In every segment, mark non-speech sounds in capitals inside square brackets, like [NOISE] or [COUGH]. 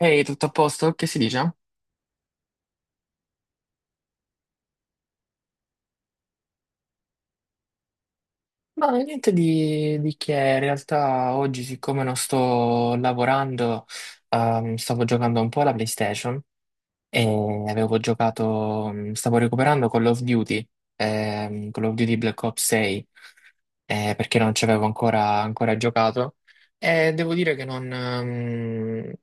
Ehi, tutto a posto? Che si dice? Ma niente di che, in realtà oggi siccome non sto lavorando, stavo giocando un po' alla PlayStation. E avevo giocato, stavo recuperando Call of Duty Black Ops 6, perché non ci avevo ancora giocato. E devo dire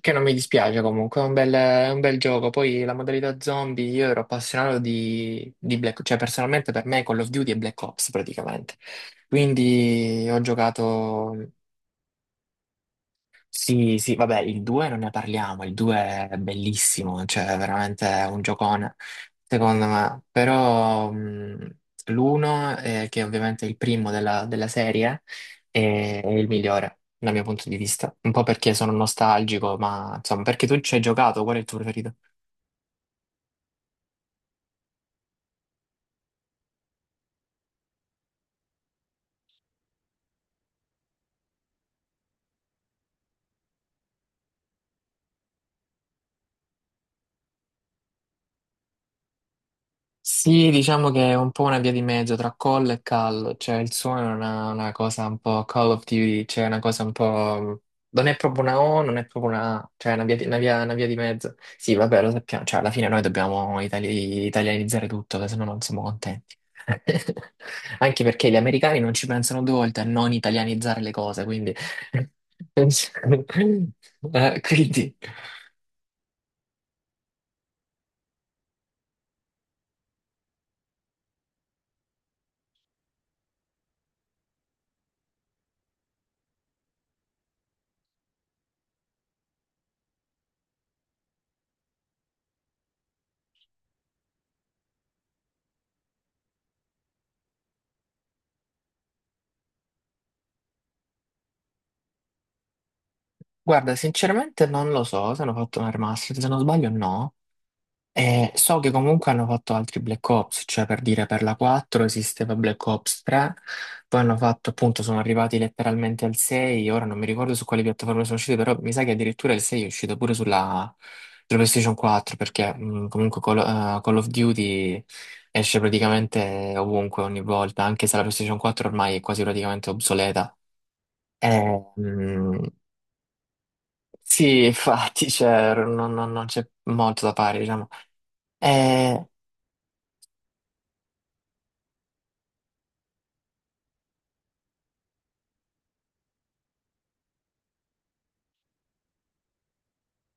che non mi dispiace comunque, è è un bel gioco. Poi la modalità zombie, io ero appassionato di Black Ops, cioè personalmente per me Call of Duty è Black Ops praticamente. Quindi ho giocato. Sì, sì, vabbè, il 2 non ne parliamo, il 2 è bellissimo, cioè è veramente un giocone, secondo me. Però l'1, che è ovviamente è il primo della serie, è il migliore dal mio punto di vista. Un po' perché sono nostalgico, ma insomma, perché tu ci hai giocato, qual è il tuo preferito? Sì, diciamo che è un po' una via di mezzo tra call e call, cioè il suono è una cosa un po' Call of Duty, cioè una cosa un po'... non è proprio una O, non è proprio una A, cioè è una via di, una via di mezzo. Sì, vabbè, lo sappiamo, cioè alla fine noi dobbiamo italianizzare tutto, che se no non siamo contenti. [LAUGHS] Anche perché gli americani non ci pensano due volte a non italianizzare le cose, quindi... [LAUGHS] quindi... Guarda, sinceramente non lo so se hanno fatto un remaster, se non sbaglio no. So che comunque hanno fatto altri Black Ops, cioè per dire per la 4 esisteva Black Ops 3, poi hanno fatto appunto, sono arrivati letteralmente al 6, ora non mi ricordo su quali piattaforme sono uscite, però mi sa che addirittura il 6 è uscito pure sulla PlayStation 4, perché comunque Call of Duty esce praticamente ovunque ogni volta, anche se la PlayStation 4 ormai è quasi praticamente obsoleta. Eh, mh, sì, [LAUGHS] infatti, cioè, non c'è molto da fare, diciamo. Eh,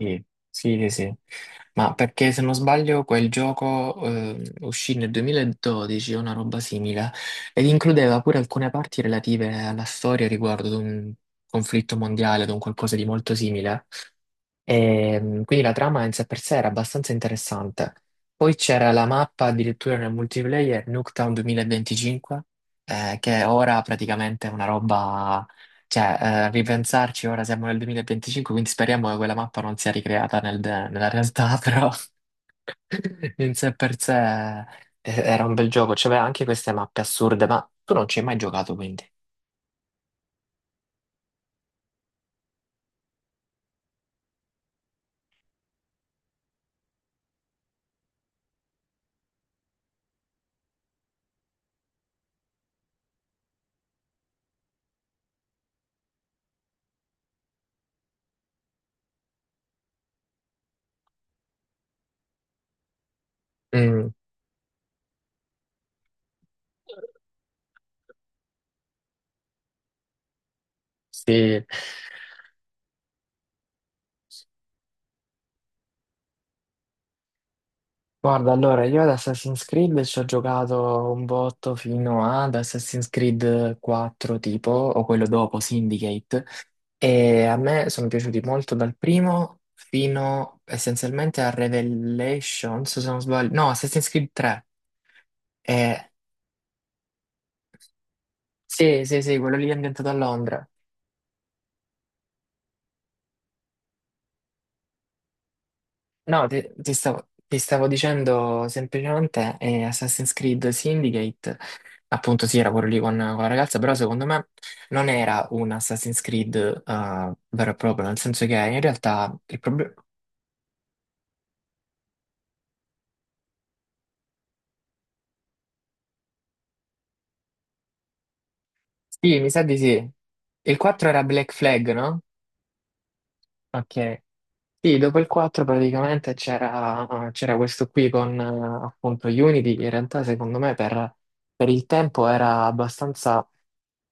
Sì, sì, sì, sì. Ma perché se non sbaglio quel gioco uscì nel 2012 o una roba simile ed includeva pure alcune parti relative alla storia riguardo ad un conflitto mondiale, ad un qualcosa di molto simile. Quindi la trama in sé per sé era abbastanza interessante. Poi c'era la mappa addirittura nel multiplayer Nuketown 2025, che ora praticamente è una roba, cioè ripensarci ora siamo nel 2025, quindi speriamo che quella mappa non sia ricreata nella realtà, [LAUGHS] però in sé per sé era un bel gioco, c'aveva anche queste mappe assurde, ma tu non ci hai mai giocato quindi. Mm, sì. Guarda, allora, io ad Assassin's Creed ci ho giocato un botto fino ad Assassin's Creed 4, tipo, o quello dopo, Syndicate, e a me sono piaciuti molto dal primo fino essenzialmente a Revelations, se non sbaglio, no, Assassin's Creed 3. Eh, sì, sì, sì, quello lì è ambientato a Londra. No, ti stavo dicendo semplicemente Assassin's Creed Syndicate, appunto sì, era quello lì con la ragazza, però secondo me non era un Assassin's Creed vero e proprio, nel senso che in realtà il problema... Sì, mi sa di sì. Il 4 era Black Flag, no? Ok. Sì, dopo il 4 praticamente c'era questo qui con appunto Unity, che in realtà secondo me per il tempo era abbastanza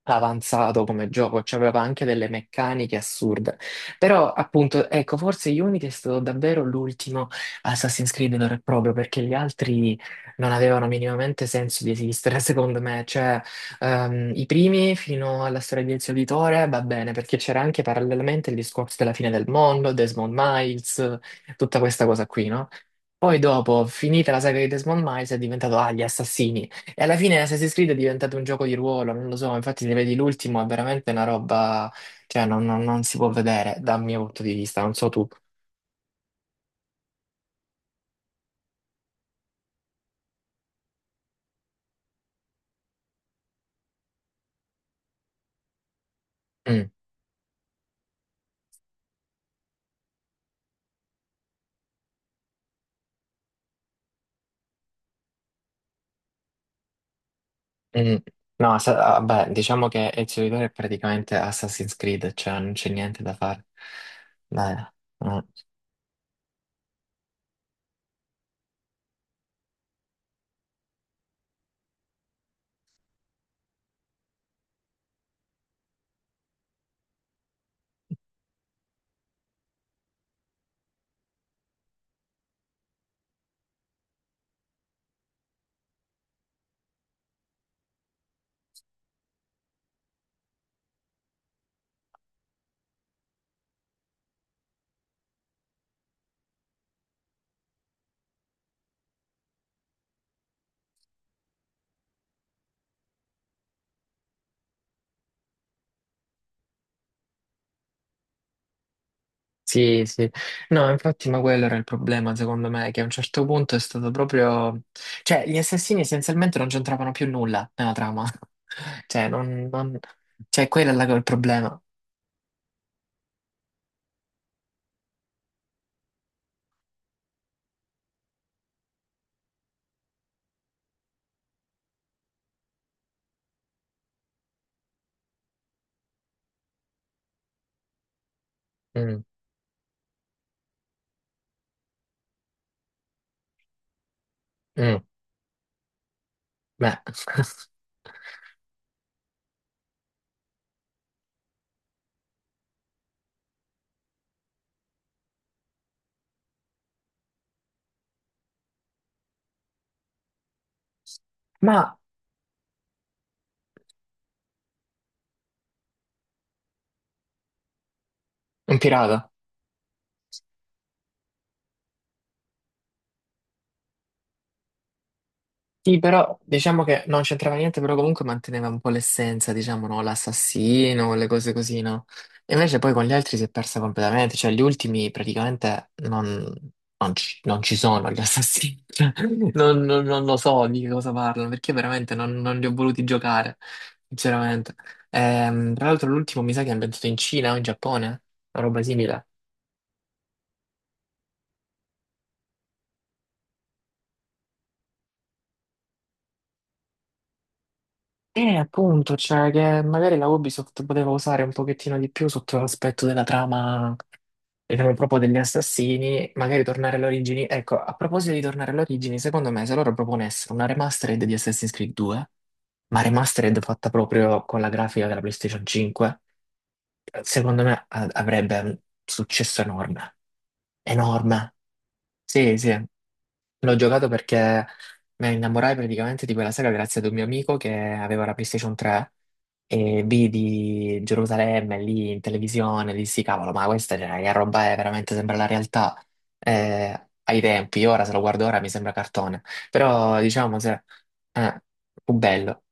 avanzato come gioco, cioè aveva anche delle meccaniche assurde. Però, appunto, ecco, forse Unity è stato davvero l'ultimo Assassin's Creed vero e proprio, perché gli altri non avevano minimamente senso di esistere, [LAUGHS] secondo me. Cioè, i primi fino alla storia di Ezio Auditore va bene, perché c'era anche parallelamente il discorso della fine del mondo, Desmond Miles, tutta questa cosa qui, no? Poi dopo, finita la saga di Desmond Miles, è diventato, ah, gli assassini. E alla fine Assassin's Creed è diventato un gioco di ruolo, non lo so, infatti se vedi l'ultimo è veramente una roba, cioè non si può vedere dal mio punto di vista, non so tu. Mm, mm. No, sa- vabbè, diciamo che Ezio Auditore è praticamente Assassin's Creed, cioè non c'è niente da fare. Beh, mm. Sì, sì. No, infatti, ma quello era il problema, secondo me, che a un certo punto è stato proprio... Cioè, gli assassini essenzialmente non c'entravano più nulla nella trama. [LAUGHS] Cioè, non... cioè, il problema. Mm. Mm, beh, [LAUGHS] ma un pirata. Sì, però diciamo che non c'entrava niente, però comunque manteneva un po' l'essenza, diciamo, no? L'assassino, le cose così, no? E invece poi con gli altri si è persa completamente, cioè gli ultimi praticamente non, non ci sono gli assassini. [LAUGHS] Cioè, non lo so di che cosa parlano, perché veramente non li ho voluti giocare, sinceramente. Tra l'altro l'ultimo mi sa che è ambientato in Cina o in Giappone, una roba simile. Appunto, cioè che magari la Ubisoft poteva usare un pochettino di più sotto l'aspetto della trama, diciamo proprio degli assassini, magari tornare alle origini. Ecco, a proposito di tornare alle origini, secondo me se loro proponessero una remastered di Assassin's Creed 2, ma remastered fatta proprio con la grafica della PlayStation 5, secondo me avrebbe un successo enorme. Enorme. Sì, sì. L'ho giocato perché mi innamorai praticamente di quella saga grazie ad un mio amico che aveva la PlayStation 3 e vidi Gerusalemme lì in televisione, dissi cavolo, ma questa cioè, che roba è, veramente sembra la realtà ai tempi, ora se lo guardo ora mi sembra cartone, però diciamo se, eh, fu bello,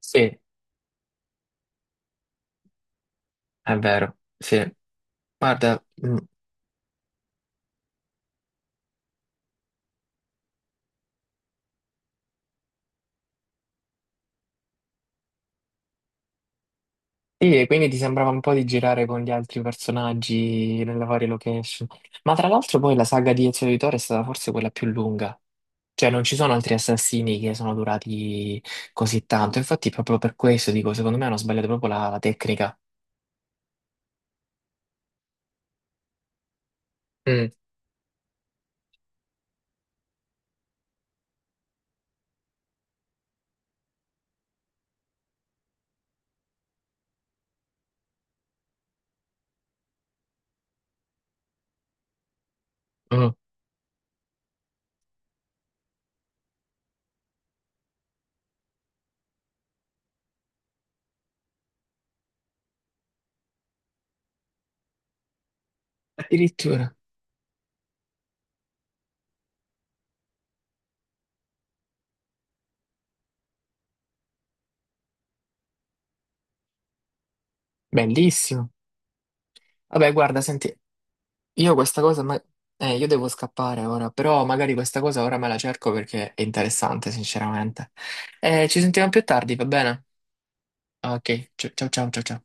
sì, è vero, sì, guarda, mm, sì, e quindi ti sembrava un po' di girare con gli altri personaggi nelle varie location. Ma tra l'altro poi la saga di Ezio Auditore è stata forse quella più lunga. Cioè non ci sono altri assassini che sono durati così tanto. Infatti proprio per questo dico, secondo me hanno sbagliato proprio la tecnica. Mm, mm. Addirittura. Bellissimo. Vabbè, guarda, senti, io questa cosa... io devo scappare ora, però magari questa cosa ora me la cerco perché è interessante, sinceramente. Ci sentiamo più tardi, va bene? Ok, ciao ciao ciao ciao. Ciao.